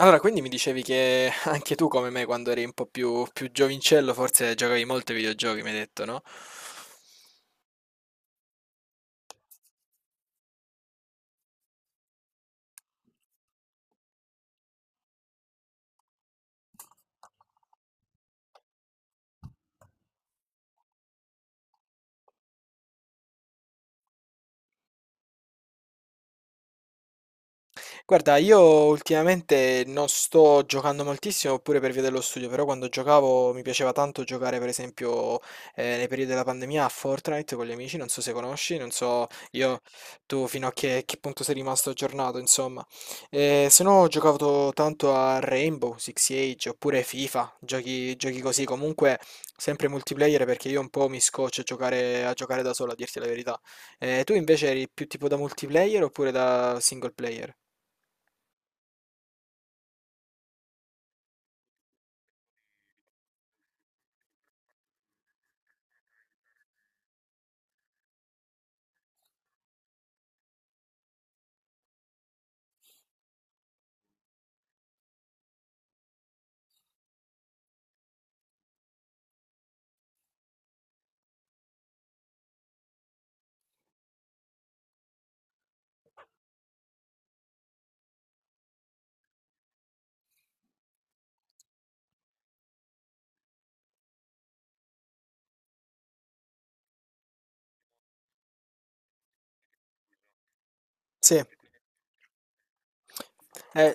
Allora, quindi mi dicevi che anche tu, come me, quando eri un po' più giovincello, forse giocavi molto ai videogiochi, mi hai detto, no? Guarda, io ultimamente non sto giocando moltissimo pure per via dello studio, però quando giocavo mi piaceva tanto giocare, per esempio, nei periodi della pandemia a Fortnite con gli amici, non so se conosci, non so io tu fino a che punto sei rimasto aggiornato, insomma. Se no ho giocato tanto a Rainbow, Six Siege oppure FIFA, giochi così, comunque sempre multiplayer perché io un po' mi scoccio a giocare da solo, a dirti la verità. Tu invece eri più tipo da multiplayer oppure da single player? Sì, eh,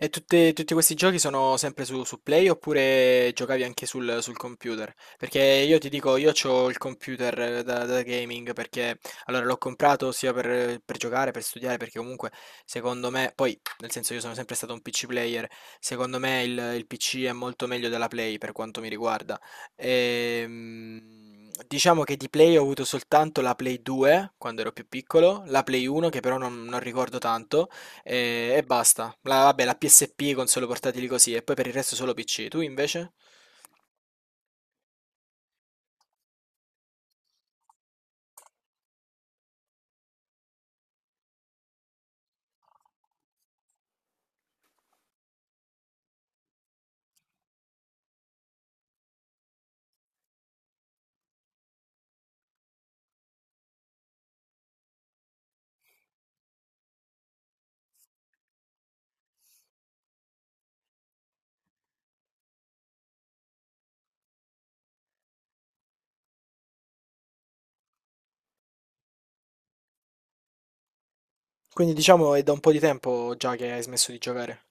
e tutti questi giochi sono sempre su, su Play oppure giocavi anche sul, sul computer? Perché io ti dico, io ho il computer da gaming perché allora l'ho comprato sia per giocare, per studiare, perché comunque secondo me, poi nel senso io sono sempre stato un PC player, secondo me il PC è molto meglio della Play per quanto mi riguarda. Ehm, diciamo che di Play ho avuto soltanto la Play 2 quando ero più piccolo, la Play 1 che però non ricordo tanto. E basta. La, vabbè, la PSP, console portatili così, e poi per il resto solo PC. Tu invece? Quindi diciamo è da un po' di tempo già che hai smesso di giocare.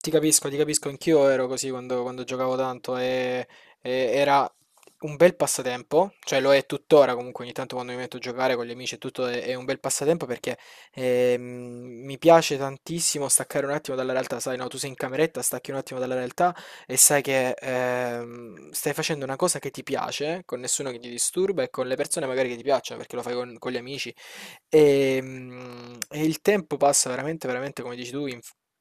Ti capisco, anch'io ero così quando, quando giocavo tanto e era un bel passatempo, cioè lo è tuttora comunque ogni tanto quando mi metto a giocare con gli amici e tutto è un bel passatempo perché ehm, mi piace tantissimo staccare un attimo dalla realtà, sai, no, tu sei in cameretta, stacchi un attimo dalla realtà e sai che stai facendo una cosa che ti piace, con nessuno che ti disturba e con le persone magari che ti piacciono perché lo fai con gli amici. E, e il tempo passa veramente, veramente, come dici tu,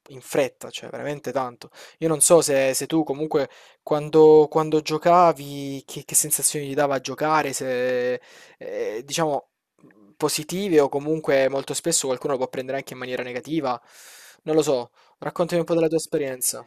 in fretta, cioè veramente tanto. Io non so se, se tu comunque quando, quando giocavi che sensazioni ti dava a giocare, se diciamo positive o comunque molto spesso qualcuno lo può prendere anche in maniera negativa. Non lo so, raccontami un po' della tua esperienza.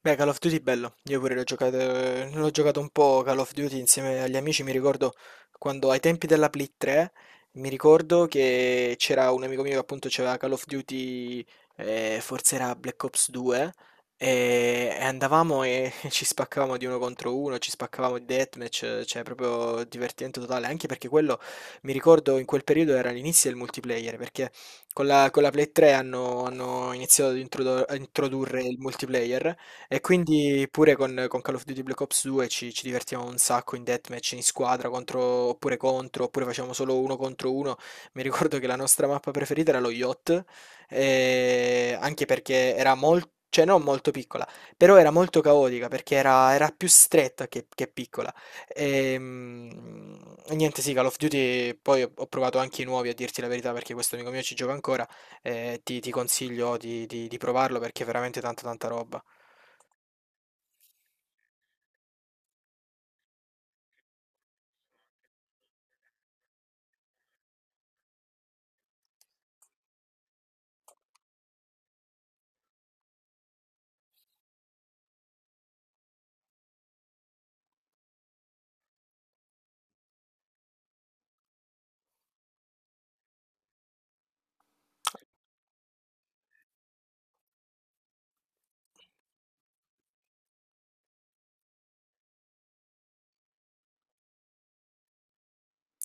Beh, Call of Duty bello, io pure l'ho giocato un po' Call of Duty insieme agli amici, mi ricordo quando ai tempi della Play 3, mi ricordo che c'era un amico mio che appunto c'aveva Call of Duty, forse era Black Ops 2, e andavamo e ci spaccavamo di uno contro uno, ci spaccavamo di deathmatch, cioè proprio divertimento totale, anche perché quello, mi ricordo in quel periodo era l'inizio del multiplayer, perché con la Play 3 hanno, hanno iniziato a introdurre il multiplayer e quindi pure con Call of Duty Black Ops 2 ci, ci divertiamo un sacco in deathmatch, in squadra, contro, oppure facciamo solo uno contro uno. Mi ricordo che la nostra mappa preferita era lo yacht, anche perché era molto, cioè non molto piccola, però era molto caotica perché era, era più stretta che piccola. Ehm, Niente, sì, Call of Duty, poi ho, ho provato anche i nuovi a dirti la verità perché questo amico mio ci gioca ancora, ti, ti consiglio di provarlo perché è veramente tanta tanta roba.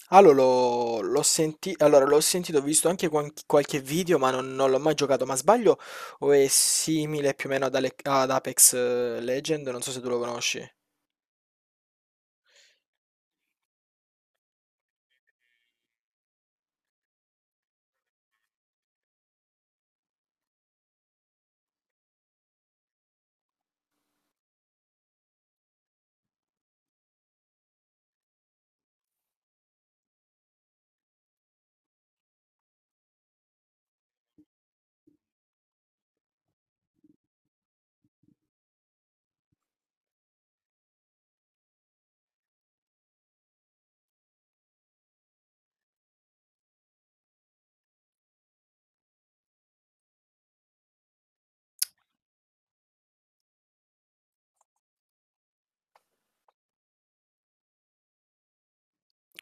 Allora, l'ho sentito, ho visto anche qualche video, ma non, non l'ho mai giocato. Ma sbaglio? O è simile più o meno ad, ad Apex Legend? Non so se tu lo conosci.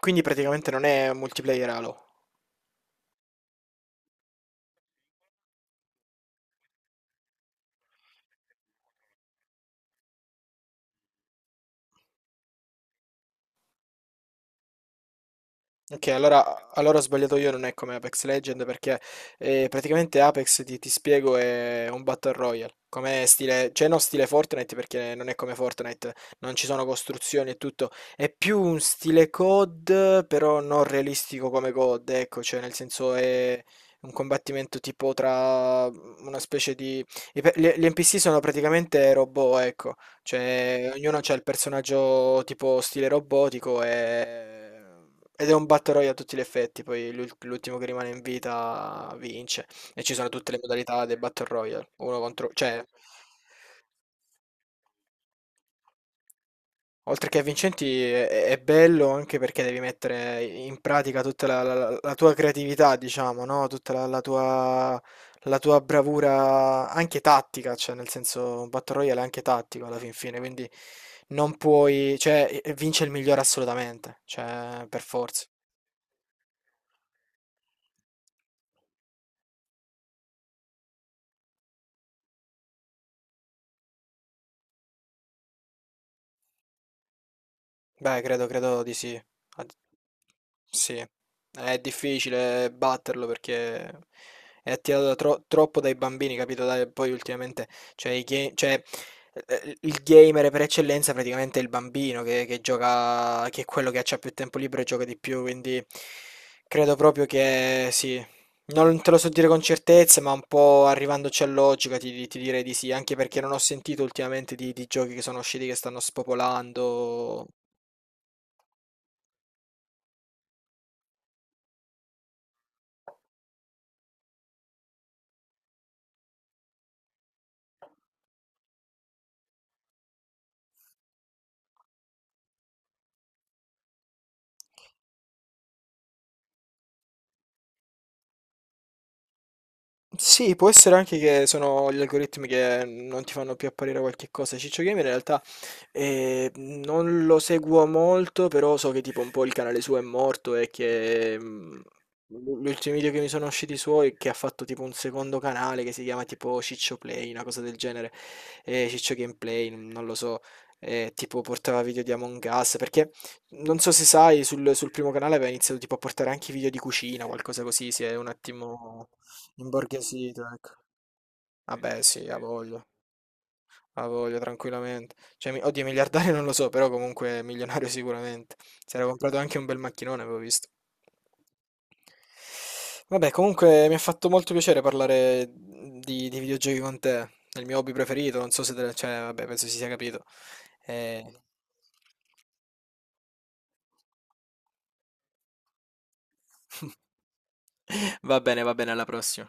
Quindi praticamente non è multiplayer Halo. Ok, allora ho sbagliato io, non è come Apex Legend perché praticamente Apex, ti spiego, è un Battle Royale, come stile, cioè non stile Fortnite perché non è come Fortnite, non ci sono costruzioni e tutto, è più un stile COD però non realistico come COD, ecco, cioè nel senso è un combattimento tipo tra una specie di... Gli, gli NPC sono praticamente robot, ecco, cioè ognuno ha il personaggio tipo stile robotico e... Ed è un battle royale a tutti gli effetti, poi l'ultimo che rimane in vita vince. E ci sono tutte le modalità del battle royale, uno contro... cioè, oltre che vincenti è bello anche perché devi mettere in pratica tutta la, la tua creatività, diciamo, no? Tutta la, la tua bravura anche tattica, cioè nel senso un battle royale è anche tattico alla fin fine, quindi non puoi... cioè, vince il migliore assolutamente, cioè, per forza. Beh, credo, credo di sì. Ad- Sì, è difficile batterlo perché è attirato da troppo dai bambini, capito? Dai, poi ultimamente, cioè, il gamer per eccellenza praticamente è il bambino che gioca, che è quello che ha più tempo libero e gioca di più, quindi credo proprio che sì. Non te lo so dire con certezza, ma un po' arrivandoci a logica ti, ti direi di sì, anche perché non ho sentito ultimamente di giochi che sono usciti che stanno spopolando. Sì, può essere anche che sono gli algoritmi che non ti fanno più apparire qualche cosa. Ciccio Gamer in realtà non lo seguo molto, però so che tipo un po' il canale suo è morto e che l'ultimo video che mi sono usciti suoi è che ha fatto tipo un secondo canale che si chiama tipo Ciccio Play, una cosa del genere, Ciccio Gameplay, non lo so, tipo portava video di Among Us, perché non so se sai, sul, sul primo canale aveva iniziato tipo a portare anche video di cucina, qualcosa così, si è un attimo... Imborghesito, ecco. Vabbè, sì, ha Sì. voglia, ha voglia tranquillamente. Cioè, mi- oddio, miliardario non lo so, però comunque milionario sicuramente. Si era comprato anche un bel macchinone, avevo visto. Vabbè, comunque mi ha fatto molto piacere parlare di videogiochi con te. È il mio hobby preferito, non so se te, cioè, vabbè, penso si sia capito. Eh, va bene, alla prossima.